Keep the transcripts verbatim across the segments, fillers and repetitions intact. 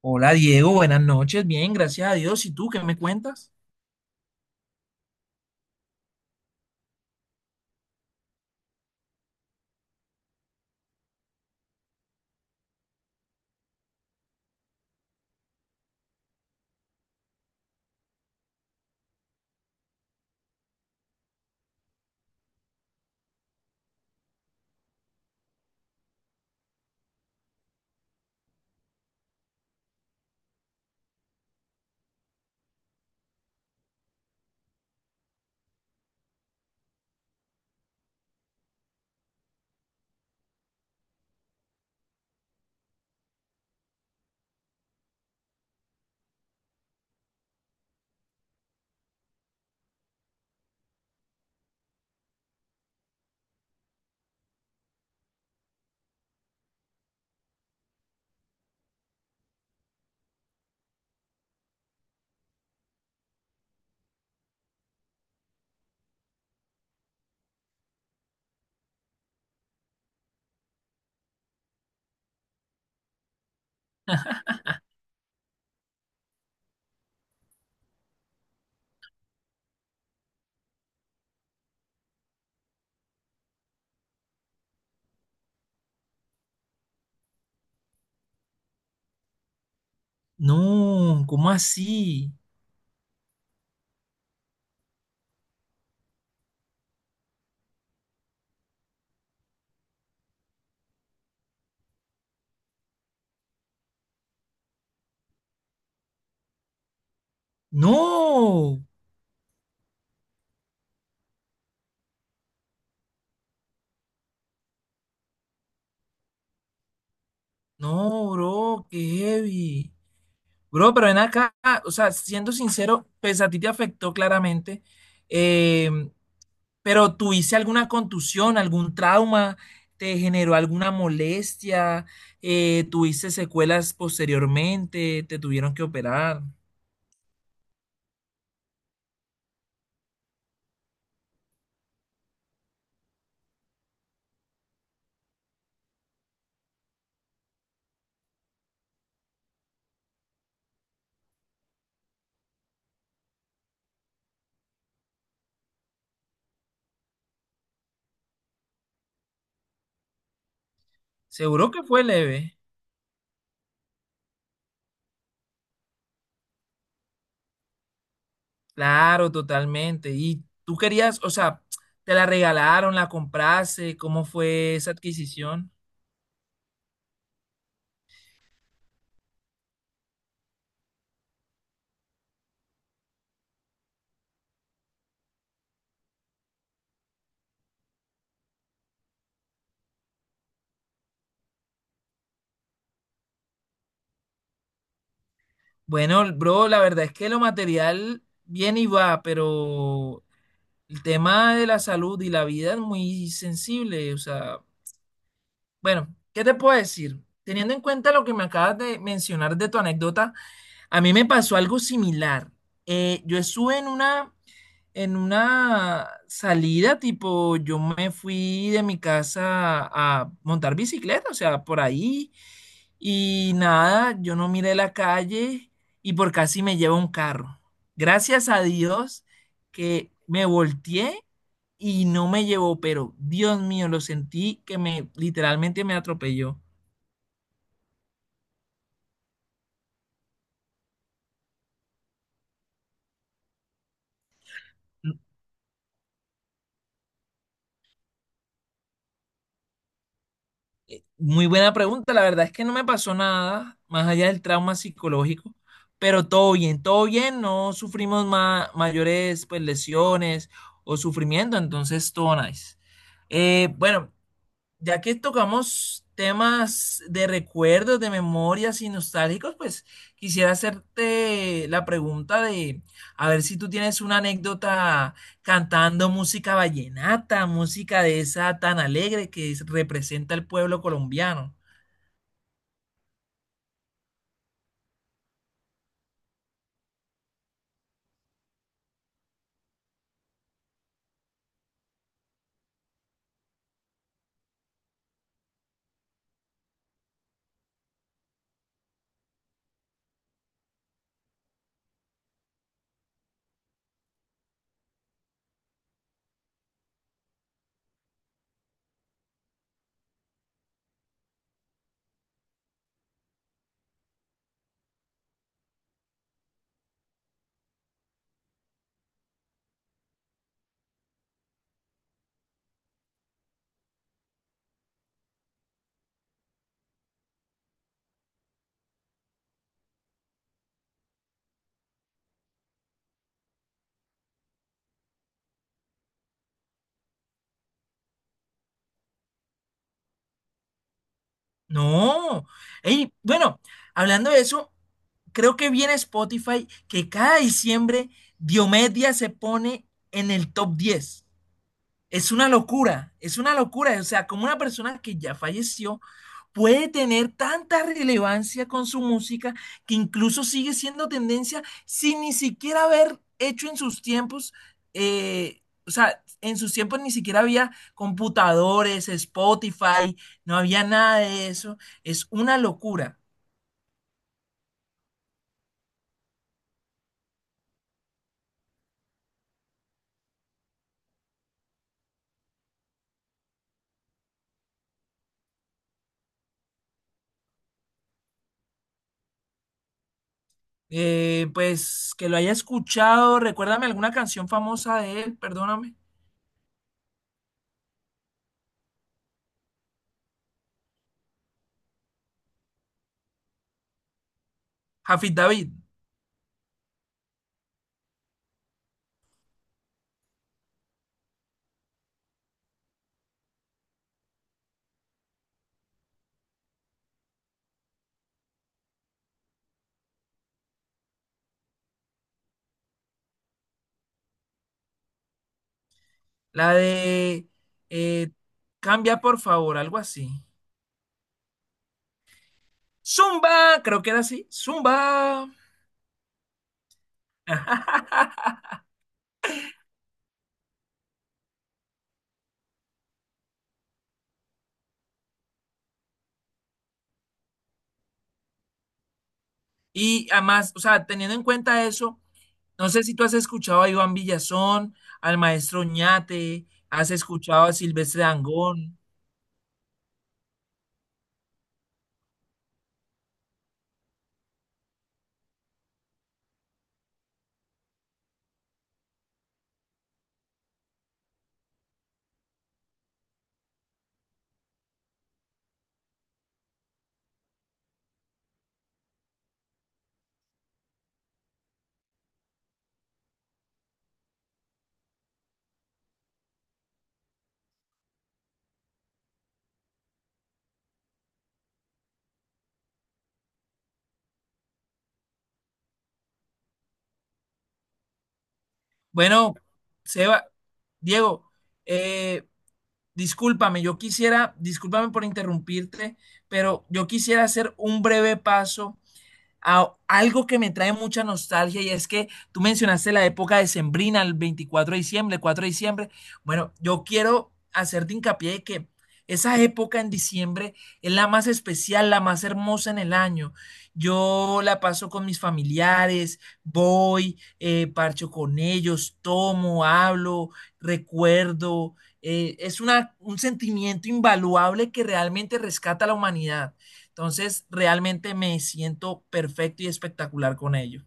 Hola Diego, buenas noches. Bien, gracias a Dios. ¿Y tú qué me cuentas? No, ¿cómo así? No, no, bro, qué heavy. Bro, pero ven acá, o sea, siendo sincero, pues a ti te afectó claramente, eh, pero ¿tuviste alguna contusión, algún trauma? ¿Te generó alguna molestia? Eh, ¿tuviste secuelas posteriormente? ¿Te tuvieron que operar? Seguro que fue leve. Claro, totalmente. ¿Y tú querías, o sea, te la regalaron, la compraste? ¿Cómo fue esa adquisición? Bueno, bro, la verdad es que lo material viene y va, pero el tema de la salud y la vida es muy sensible. O sea, bueno, ¿qué te puedo decir? Teniendo en cuenta lo que me acabas de mencionar de tu anécdota, a mí me pasó algo similar. Eh, yo estuve en una En una salida, tipo, yo me fui de mi casa a montar bicicleta, o sea, por ahí, y nada, yo no miré la calle y por casi me lleva un carro. Gracias a Dios que me volteé y no me llevó, pero Dios mío, lo sentí que me literalmente me atropelló. Muy buena pregunta, la verdad es que no me pasó nada más allá del trauma psicológico, pero todo bien, todo bien, no sufrimos ma- mayores pues, lesiones o sufrimiento, entonces todo nice. Eh, bueno, ya que tocamos temas de recuerdos, de memorias y nostálgicos, pues quisiera hacerte la pregunta de a ver si tú tienes una anécdota cantando música vallenata, música de esa tan alegre que es- representa el pueblo colombiano. No. Ey, bueno, hablando de eso, creo que viene Spotify que cada diciembre Diomedia se pone en el top diez. Es una locura, es una locura. O sea, como una persona que ya falleció puede tener tanta relevancia con su música que incluso sigue siendo tendencia sin ni siquiera haber hecho en sus tiempos, eh, o sea, en sus tiempos ni siquiera había computadores, Spotify, no había nada de eso. Es una locura. Eh, pues que lo haya escuchado, recuérdame alguna canción famosa de él, perdóname. Jafid David. La de eh, Cambia por favor, algo así. Zumba, creo que era así. Zumba. Y además, o sea, teniendo en cuenta eso, no sé si tú has escuchado a Iván Villazón, al maestro Oñate, has escuchado a Silvestre Dangond. Bueno, Seba, Diego, eh, discúlpame, yo quisiera, discúlpame por interrumpirte, pero yo quisiera hacer un breve paso a algo que me trae mucha nostalgia y es que tú mencionaste la época decembrina, el veinticuatro de diciembre, el cuatro de diciembre de diciembre. Bueno, yo quiero hacerte hincapié de que esa época en diciembre es la más especial, la más hermosa en el año. Yo la paso con mis familiares, voy, eh, parcho con ellos, tomo, hablo, recuerdo. Eh, es una, un sentimiento invaluable que realmente rescata a la humanidad. Entonces, realmente me siento perfecto y espectacular con ello.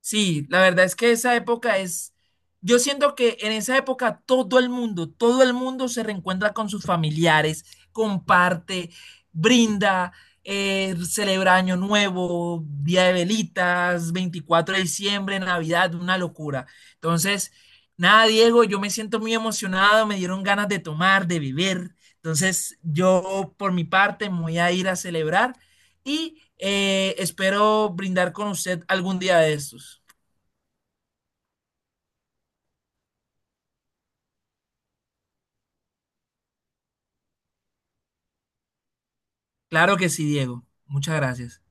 Sí, la verdad es que esa época es, yo siento que en esa época todo el mundo, todo el mundo se reencuentra con sus familiares, comparte, brinda, eh, celebra Año Nuevo, Día de Velitas, veinticuatro de diciembre de diciembre, Navidad, una locura. Entonces, nada, Diego, yo me siento muy emocionado, me dieron ganas de tomar, de beber. Entonces, yo por mi parte me voy a ir a celebrar. Y eh, espero brindar con usted algún día de estos. Claro que sí, Diego. Muchas gracias.